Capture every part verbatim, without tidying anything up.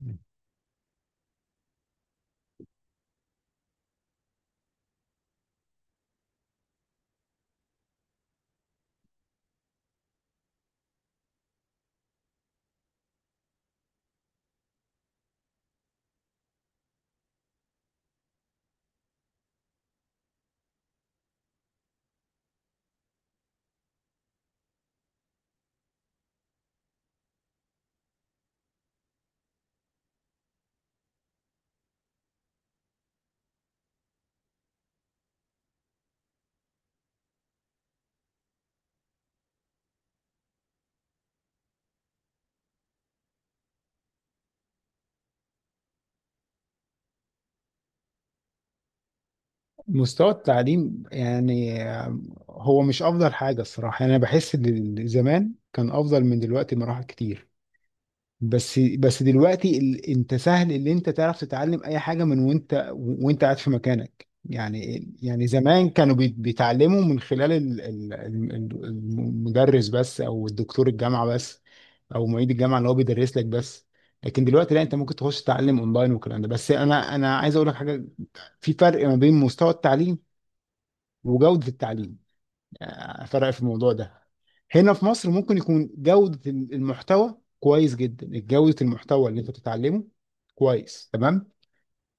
مم. مستوى التعليم يعني هو مش افضل حاجه الصراحه، يعني انا بحس ان زمان كان افضل من دلوقتي مراحل كتير. بس بس دلوقتي ال... انت سهل ان انت تعرف تتعلم اي حاجه من وانت وانت قاعد في مكانك. يعني يعني زمان كانوا بيت- بيتعلموا من خلال ال... ال... ال- ال- المدرس بس، او الدكتور الجامعه بس، او معيد الجامعه اللي هو بيدرس لك بس. لكن دلوقتي لا، انت ممكن تخش تتعلم اونلاين والكلام ده. بس انا انا عايز اقول لك حاجه، في فرق ما بين مستوى التعليم وجوده التعليم. آه، فرق في الموضوع ده. هنا في مصر ممكن يكون جودة المحتوى كويس جدا، جودة المحتوى اللي انت بتتعلمه كويس تمام،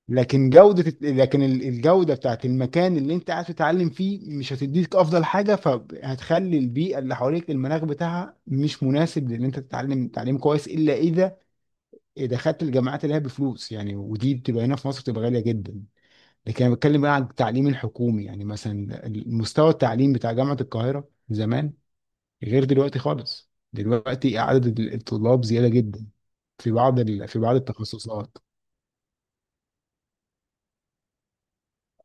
لكن جودة لكن ال- الجودة بتاعت المكان اللي انت قاعد تتعلم فيه مش هتديك افضل حاجة، فهتخلي البيئة اللي حواليك المناخ بتاعها مش مناسب لان انت تتعلم تعليم كويس، الا اذا دخلت الجامعات اللي هي بفلوس يعني، ودي بتبقى هنا في مصر بتبقى غالية جدا. لكن انا بتكلم بقى عن التعليم الحكومي، يعني مثلا المستوى التعليم بتاع جامعة القاهرة زمان غير دلوقتي خالص، دلوقتي عدد الطلاب زيادة جدا في بعض ال... في بعض التخصصات.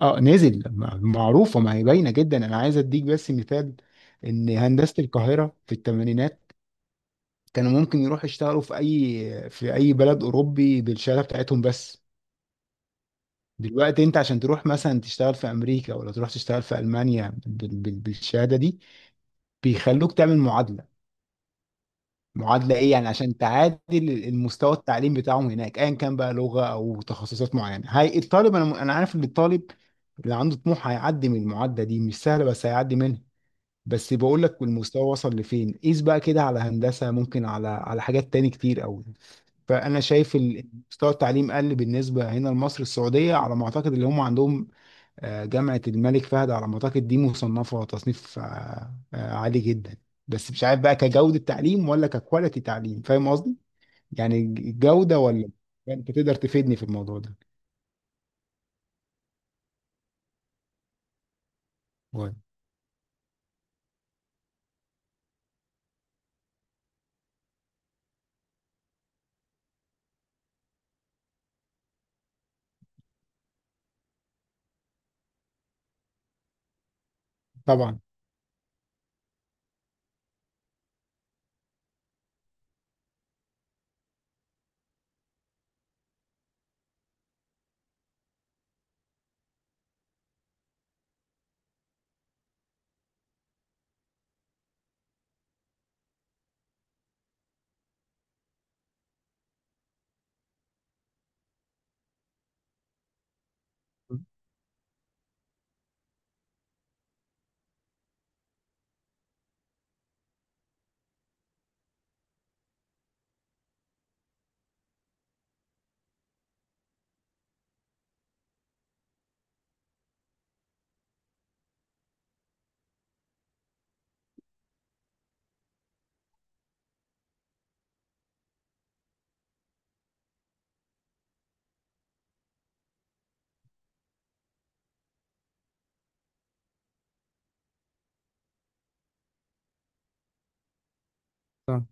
اه، نزل، م- معروفة، ما هي باينة جدا. انا عايز اديك بس مثال، ان هندسة القاهرة في الثمانينات كانوا ممكن يروحوا يشتغلوا في اي في اي بلد اوروبي بالشهادة بتاعتهم بس. دلوقتي انت عشان تروح مثلا تشتغل في امريكا، ولا تروح تشتغل في المانيا بال... بال... بالشهادة دي بيخلوك تعمل معادلة. معادلة ايه يعني؟ عشان تعادل المستوى التعليم بتاعهم هناك، ايا كان بقى لغة او تخصصات معينة. هي الطالب، انا انا عارف ان الطالب اللي عنده طموح هيعدي من المعادلة دي، مش سهلة بس هيعدي منها. بس بقول لك المستوى وصل لفين، قيس بقى كده على هندسة، ممكن على على حاجات تاني كتير قوي. فانا شايف ال- مستوى التعليم قل بالنسبة هنا لمصر. السعودية على ما اعتقد اللي هم عندهم، آه، جامعة الملك فهد على ما أعتقد دي مصنفة تصنيف آه، آه، عالي جدا، بس مش عارف بقى كجودة تعليم ولا ككواليتي تعليم. فاهم قصدي؟ يعني الجودة ولا؟ أنت تقدر تفيدني في الموضوع ده. كويس. طبعا. طب،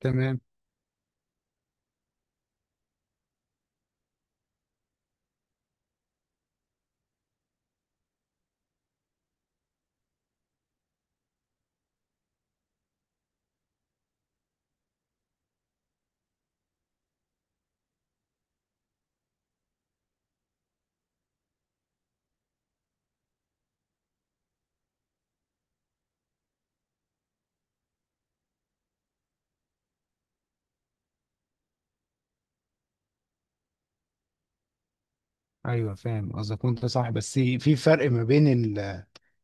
تمام. ايوه فاهم قصدك وانت صح، بس في فرق ما بين ال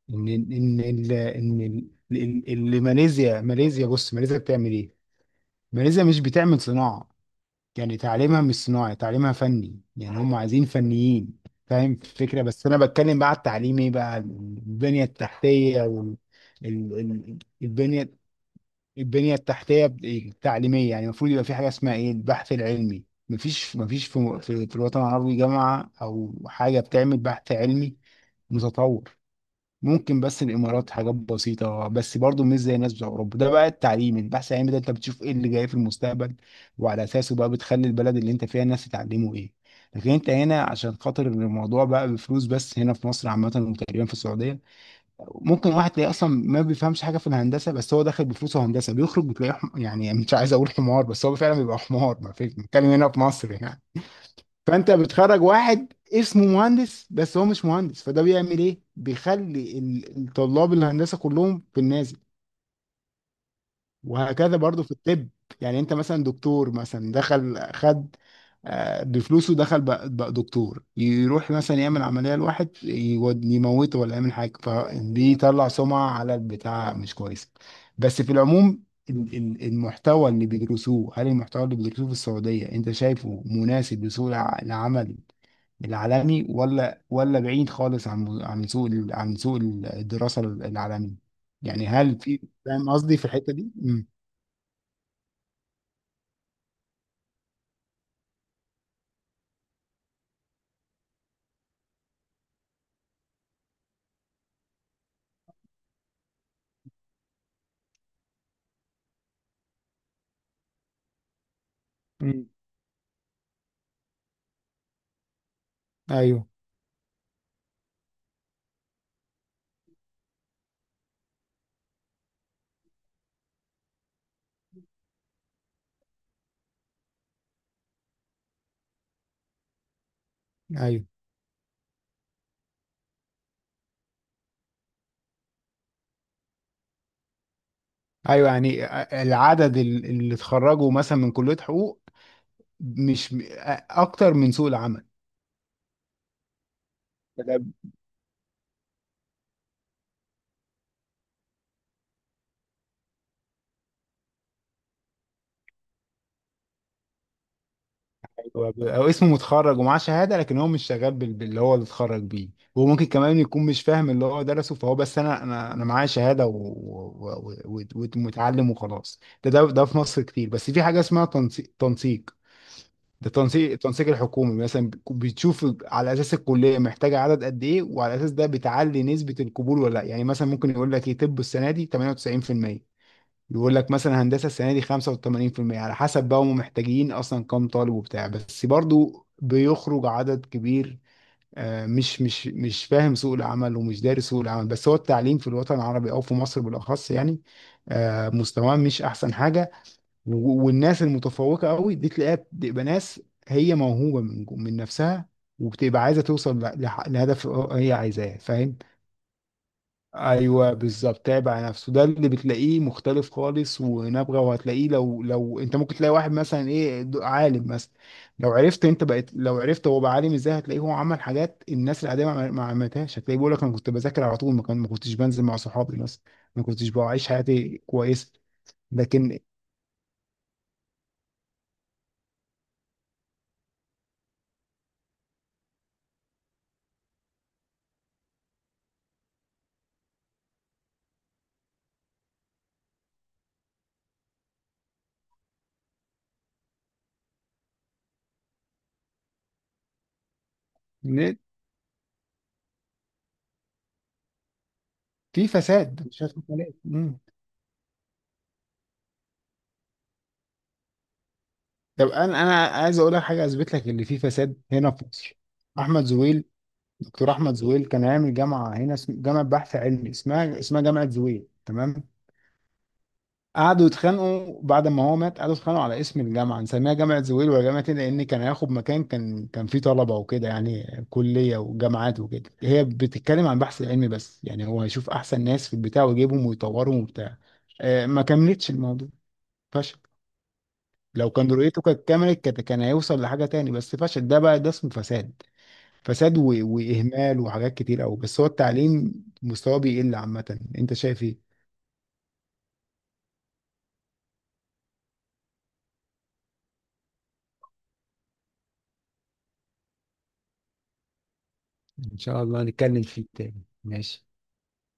ان ان ال ان ال- ال- اللي ماليزيا ماليزيا بص ماليزيا بتعمل ايه؟ ماليزيا مش بتعمل صناعة، يعني تعليمها مش صناعي، تعليمها فني، يعني هم عايزين فنيين. فاهم الفكرة؟ بس أنا بتكلم بقى على التعليم، إيه بقى؟ البنية التحتية وال ال... ال... البنية البنية التحتية التعليمية، يعني المفروض يبقى في حاجة اسمها إيه؟ البحث العلمي. مفيش مفيش في في, في الوطن العربي جامعة أو حاجة بتعمل بحث علمي متطور. ممكن بس الامارات، حاجات بسيطه بس برضو مش زي الناس بتوع اوروبا. ده بقى التعليم، البحث العلمي ده انت بتشوف ايه اللي جاي في المستقبل، وعلى اساسه بقى بتخلي البلد اللي انت فيها الناس تتعلموا ايه. لكن انت هنا عشان خاطر الموضوع بقى بفلوس بس، هنا في مصر عامه وتقريبا في السعوديه، ممكن واحد تلاقيه اصلا ما بيفهمش حاجه في الهندسه، بس هو داخل بفلوسه هندسه بيخرج بتلاقيه حم... يعني مش عايز اقول حمار، بس هو فعلا بيبقى حمار، ما فيش، بنتكلم هنا في مصر يعني. فانت بتخرج واحد اسمه مهندس بس هو مش مهندس. فده بيعمل ايه؟ بيخلي ال- الطلاب الهندسه كلهم في النازل. وهكذا برضو في الطب، يعني انت مثلا دكتور، مثلا دخل خد، آه، بفلوسه دخل بقى, بقى دكتور، يروح مثلا يعمل عملية لواحد يود- يموته ولا يعمل حاجة، فبيطلع سمعة على البتاع مش كويس. بس في العموم ال- ال- المحتوى اللي بيدرسوه، هل المحتوى اللي بيدرسوه في السعودية انت شايفه مناسب لسوق الع- العمل العالمي، ولا ولا بعيد خالص عن عن سوق ال- عن سوق الدراسة العالمي؟ يعني هل في، فاهم قصدي في الحتة دي؟ مم. مم. ايوه، ايوه، ايوه، يعني العدد ال- اللي اتخرجوا مثلا من كلية حقوق مش، م- اكتر من سوق العمل. ده هو ب- او اسمه متخرج ومعاه شهادة لكن هو مش شغال بال- باللي هو اللي اتخرج بيه. وممكن كمان يكون مش فاهم اللي هو درسه، فهو بس انا انا انا معايا شهادة و- و- و- و- ومتعلم وخلاص. ده ده ده في مصر كتير. بس في حاجة اسمها تنسيق، تنسيق ده، تنسيق، التنسيق الحكومي مثلا بتشوف على اساس الكليه محتاجه عدد قد ايه، وعلى اساس ده بتعلي نسبه القبول ولا لا. يعني مثلا ممكن يقول لك ايه، طب السنه دي ثمانية وتسعين في المية، يقول لك مثلا هندسه السنه دي خمسة وثمانين في المية، على حسب بقى هم محتاجين اصلا كام طالب وبتاع. بس برضو بيخرج عدد كبير آه، مش مش مش فاهم سوق العمل ومش دارس سوق العمل. بس هو التعليم في الوطن العربي او في مصر بالاخص يعني، آه، مستواه مش احسن حاجه. و- والناس المتفوقه قوي دي تلاقيها بتبقى ناس هي موهوبه من جو- من نفسها، وبتبقى عايزه توصل ل- لح- لهدف هي عايزاه. فاهم؟ ايوه بالظبط، تعب على نفسه، ده اللي بتلاقيه مختلف خالص ونابغه. وهتلاقيه لو لو انت ممكن تلاقي واحد مثلا ايه، د- عالم مثلا، لو عرفت انت بقيت، لو عرفت هو بقى عالم ازاي، هتلاقيه هو عمل حاجات الناس العاديه ما ما عملتهاش. هتلاقيه بيقول لك انا كنت بذاكر على طول، ما كان ما كنتش بنزل مع صحابي مثلا، ما كنتش بعيش حياتي كويسه. لكن في فساد، مش هتقول؟ طب انا انا عايز اقول لك حاجه اثبت لك ان في فساد هنا في مصر. احمد زويل دكتور احمد زويل كان عامل جامعه هنا اسم- جامعه بحث علمي اسمها اسمها جامعه زويل، تمام؟ قعدوا يتخانقوا بعد ما هو مات، قعدوا يتخانقوا على اسم الجامعه، نسميها جامعه زويل ولا جامعه ايه. لان كان هياخد مكان، كان كان فيه طلبه وكده، يعني كليه وجامعات وكده. هي بتتكلم عن بحث علمي بس، يعني هو هيشوف احسن ناس في البتاع ويجيبهم ويطورهم وبتاع. آه، ما كملتش الموضوع، فشل. لو كان رؤيته كانت كملت، كانت- كان هيوصل لحاجة تاني، بس فشل. ده بقى ده اسمه فساد، فساد و... وإهمال وحاجات كتير أوي. بس هو التعليم مستواه بيقل عامة، أنت شايف إيه؟ إن شاء الله نتكلم فيه تاني، ماشي.